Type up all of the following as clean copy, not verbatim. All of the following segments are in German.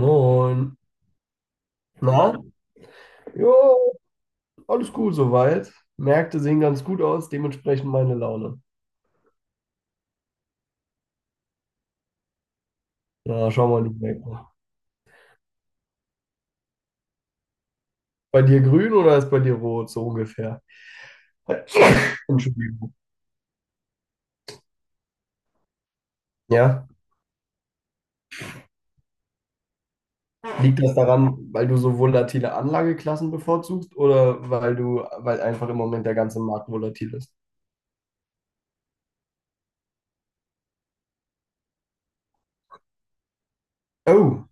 Moin. Na? Moin. Jo, alles cool soweit. Märkte sehen ganz gut aus, dementsprechend meine Laune. Na, schau mal, die Märkte. Bei dir grün oder ist bei dir rot, so ungefähr? Entschuldigung. Ja, liegt das daran, weil du so volatile Anlageklassen bevorzugst oder weil einfach im Moment der ganze Markt volatil ist? Oh,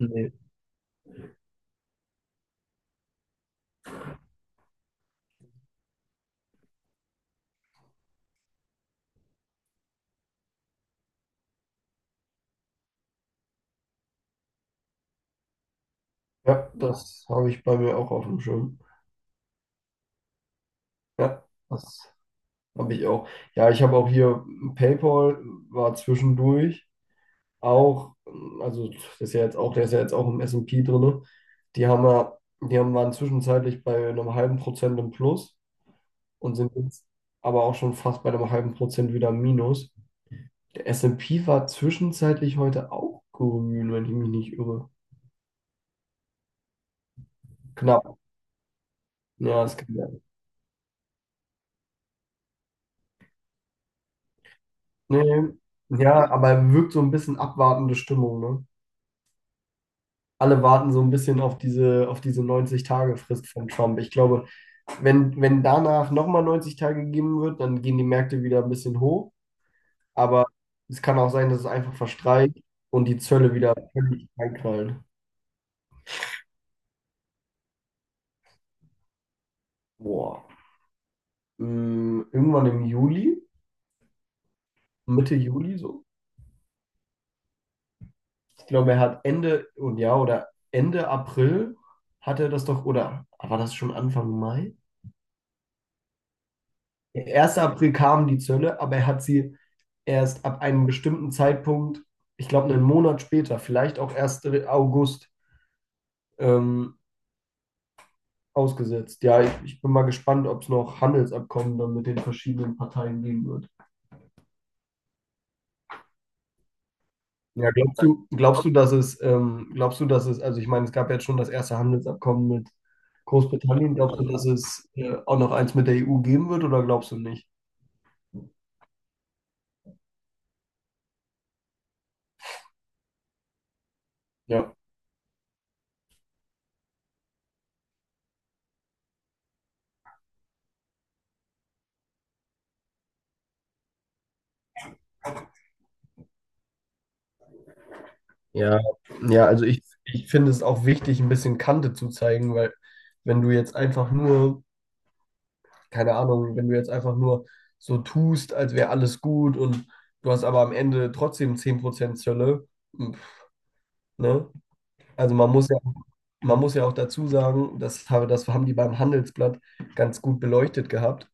nee. Ja, das habe ich bei mir auch auf dem Schirm. Ja, das habe ich auch. Ja, ich habe auch hier PayPal war zwischendurch auch, also das ist ja jetzt auch, der ist ja jetzt auch im S&P drin. Die haben ja, die waren zwischenzeitlich bei einem halben Prozent im Plus und sind jetzt aber auch schon fast bei einem halben Prozent wieder im Minus. Der S&P war zwischenzeitlich heute auch grün, wenn ich mich nicht irre. Knapp. Ja, das kann ja. Nee, ja, aber wirkt so ein bisschen abwartende Stimmung, ne? Alle warten so ein bisschen auf diese 90-Tage-Frist von Trump. Ich glaube, wenn danach nochmal 90 Tage gegeben wird, dann gehen die Märkte wieder ein bisschen hoch. Aber es kann auch sein, dass es einfach verstreicht und die Zölle wieder völlig reinknallen. Boah. Irgendwann im Juli, Mitte Juli so. Ich glaube, er hat Ende und ja, oder Ende April hat er das doch, oder war das schon Anfang Mai? 1. April kam die Zölle, aber er hat sie erst ab einem bestimmten Zeitpunkt, ich glaube einen Monat später, vielleicht auch erst August, ähm, ausgesetzt. Ja, ich bin mal gespannt, ob es noch Handelsabkommen dann mit den verschiedenen Parteien geben wird. Ja, glaubst du, dass es, glaubst du, dass es, also ich meine, es gab jetzt schon das erste Handelsabkommen mit Großbritannien. Glaubst du, dass es auch noch eins mit der EU geben wird oder glaubst du nicht? Ja. Ja, ja, also ich finde es auch wichtig, ein bisschen Kante zu zeigen, weil wenn du jetzt einfach nur, keine Ahnung, wenn du jetzt einfach nur so tust, als wäre alles gut und du hast aber am Ende trotzdem 10% Zölle, m, ne? Also man muss ja auch dazu sagen, das haben die beim Handelsblatt ganz gut beleuchtet gehabt.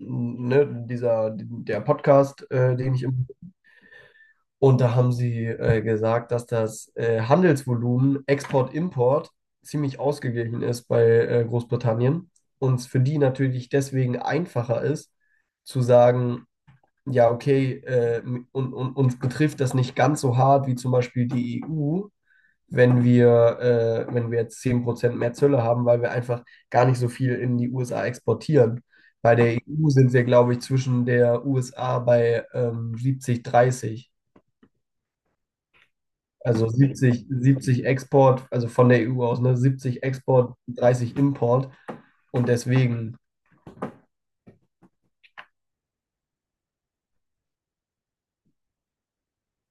Ne? Dieser, der Podcast, den ich im. Und da haben sie gesagt, dass das Handelsvolumen Export-Import ziemlich ausgeglichen ist bei Großbritannien und es für die natürlich deswegen einfacher ist, zu sagen, ja, okay, uns betrifft das nicht ganz so hart wie zum Beispiel die EU, wenn wenn wir jetzt 10% mehr Zölle haben, weil wir einfach gar nicht so viel in die USA exportieren. Bei der EU sind wir, glaube ich, zwischen der USA bei 70, 30. Also 70 Export, also von der EU aus, ne? 70 Export, 30 Import. Und deswegen,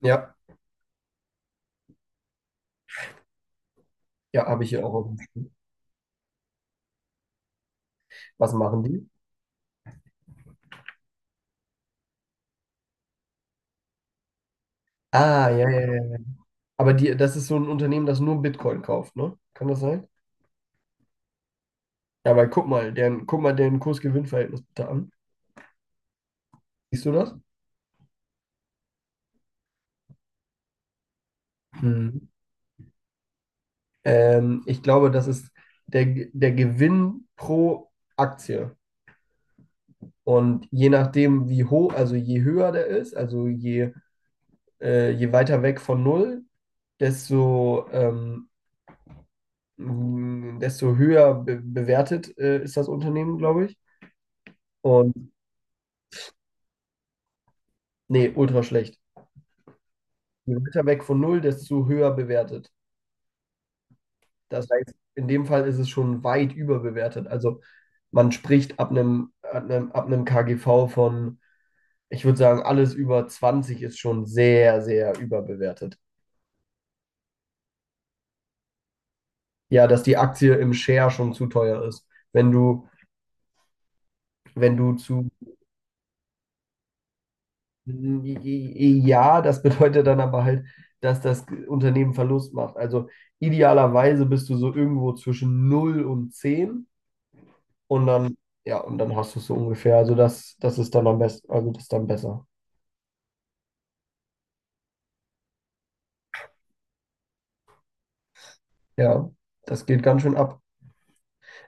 ja, ja, habe ich hier auch, auf dem-. Was machen die? Ah, ja, ja, ja, ja. Aber das ist so ein Unternehmen, das nur Bitcoin kauft, ne? Kann das sein? Ja, weil guck mal, guck mal deren Kurs-Gewinn-Verhältnis bitte an. Siehst du das? Mhm. Ich glaube, das ist der, der Gewinn pro Aktie. Und je nachdem, wie hoch, also je höher der ist, also je weiter weg von null, desto, ähm, desto höher be bewertet ist das Unternehmen, glaube ich. Und nee, ultra schlecht. Je weiter weg von null, desto höher bewertet. Das heißt, in dem Fall ist es schon weit überbewertet. Also man spricht ab einem, ab einem, ab einem KGV von, ich würde sagen, alles über 20 ist schon sehr, sehr überbewertet. Ja, dass die Aktie im Share schon zu teuer ist. Wenn du, wenn du zu. Ja, das bedeutet dann aber halt, dass das Unternehmen Verlust macht. Also idealerweise bist du so irgendwo zwischen null und 10 und dann, ja, und dann hast du es so ungefähr. Also das ist dann am besten, also das ist dann besser. Ja, das geht ganz schön ab.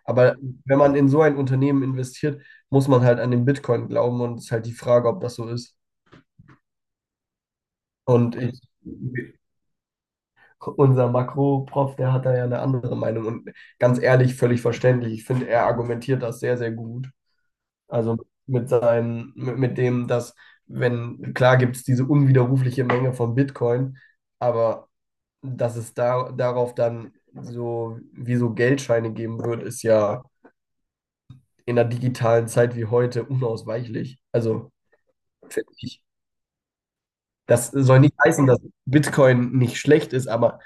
Aber wenn man in so ein Unternehmen investiert, muss man halt an den Bitcoin glauben und es ist halt die Frage, ob das so ist. Und ich, unser Makro-Prof, der hat da ja eine andere Meinung und ganz ehrlich, völlig verständlich. Ich finde, er argumentiert das sehr, sehr gut. Also mit dem, dass, wenn, klar gibt es diese unwiderrufliche Menge von Bitcoin, aber dass es darauf dann so wie so Geldscheine geben wird, ist ja in einer digitalen Zeit wie heute unausweichlich. Also finde ich. Das soll nicht heißen, dass Bitcoin nicht schlecht ist, aber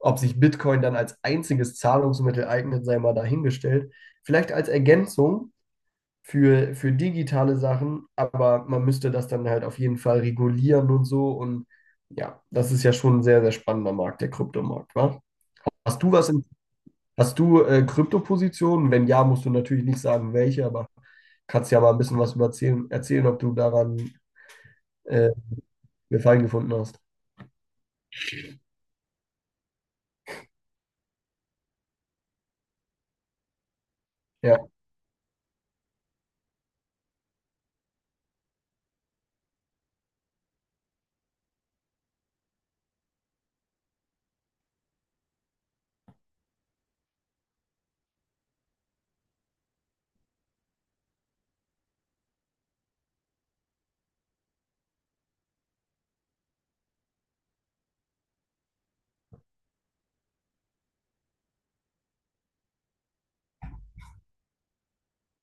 ob sich Bitcoin dann als einziges Zahlungsmittel eignet, sei mal dahingestellt. Vielleicht als Ergänzung für digitale Sachen, aber man müsste das dann halt auf jeden Fall regulieren und so. Und ja, das ist ja schon ein sehr, sehr spannender Markt, der Kryptomarkt, wa? Hast du was in, hast du Kryptopositionen? Wenn ja, musst du natürlich nicht sagen, welche, aber kannst ja mal ein bisschen was über erzählen, ob du daran äh, Gefallen gefunden hast. Ja,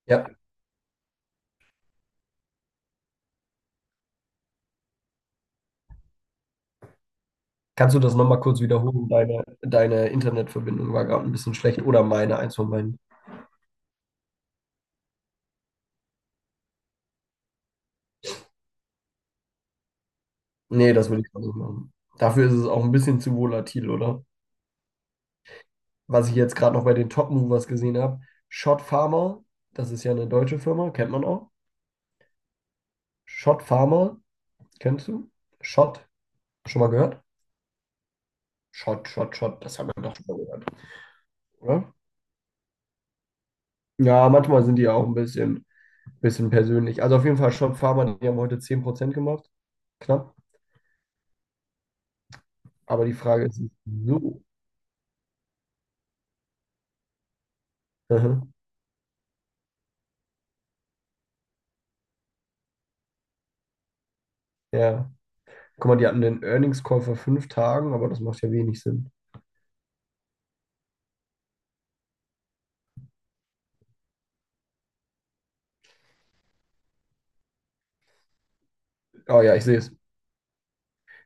ja. Kannst du das nochmal kurz wiederholen? Deine Internetverbindung war gerade ein bisschen schlecht oder meine, eins von beiden. Nee, das will ich auch nicht machen. Dafür ist es auch ein bisschen zu volatil, oder? Was ich jetzt gerade noch bei den Top Movers gesehen habe, Schott Pharma, das ist ja eine deutsche Firma, kennt man auch. Schott Pharma, kennst du? Schott, schon mal gehört? Schott, Schott, Schott, das hat man doch schon mal gehört, oder? Ja, manchmal sind die auch bisschen persönlich. Also auf jeden Fall Schott Pharma, die haben heute 10% gemacht, knapp. Aber die Frage ist, so. Mhm. Ja. Guck mal, die hatten den Earnings Call vor 5 Tagen, aber das macht ja wenig Sinn. Oh ja, ich sehe es.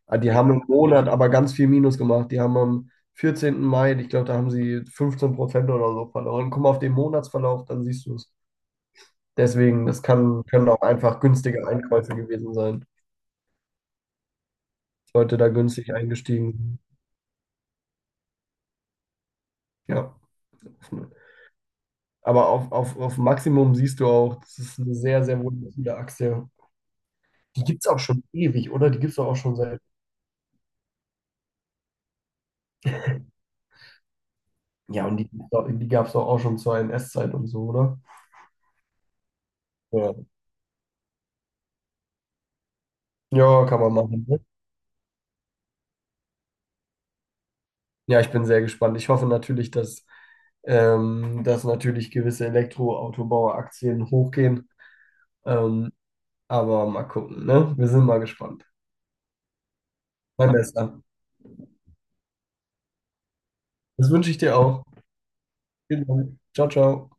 Ah, die haben im Monat aber ganz viel Minus gemacht. Die haben am 14. Mai, ich glaube, da haben sie 15% oder so verloren. Guck mal auf den Monatsverlauf, dann siehst du es. Deswegen, können auch einfach günstige Einkäufe gewesen sein. Leute da günstig eingestiegen sind. Ja. Aber auf Maximum siehst du auch, das ist eine sehr, sehr volatile Aktie. Die gibt es auch schon ewig, oder? Die gibt es auch schon seit. Ja, und die gab es auch schon zur S zeit und so, oder? Ja. Ja, kann man machen. Ja, ich bin sehr gespannt. Ich hoffe natürlich, dass natürlich gewisse Elektroautobauer-Aktien hochgehen. Ähm, aber mal gucken, ne? Wir sind mal gespannt. Mein Bester. Das wünsche ich dir auch. Vielen Dank. Ciao, ciao.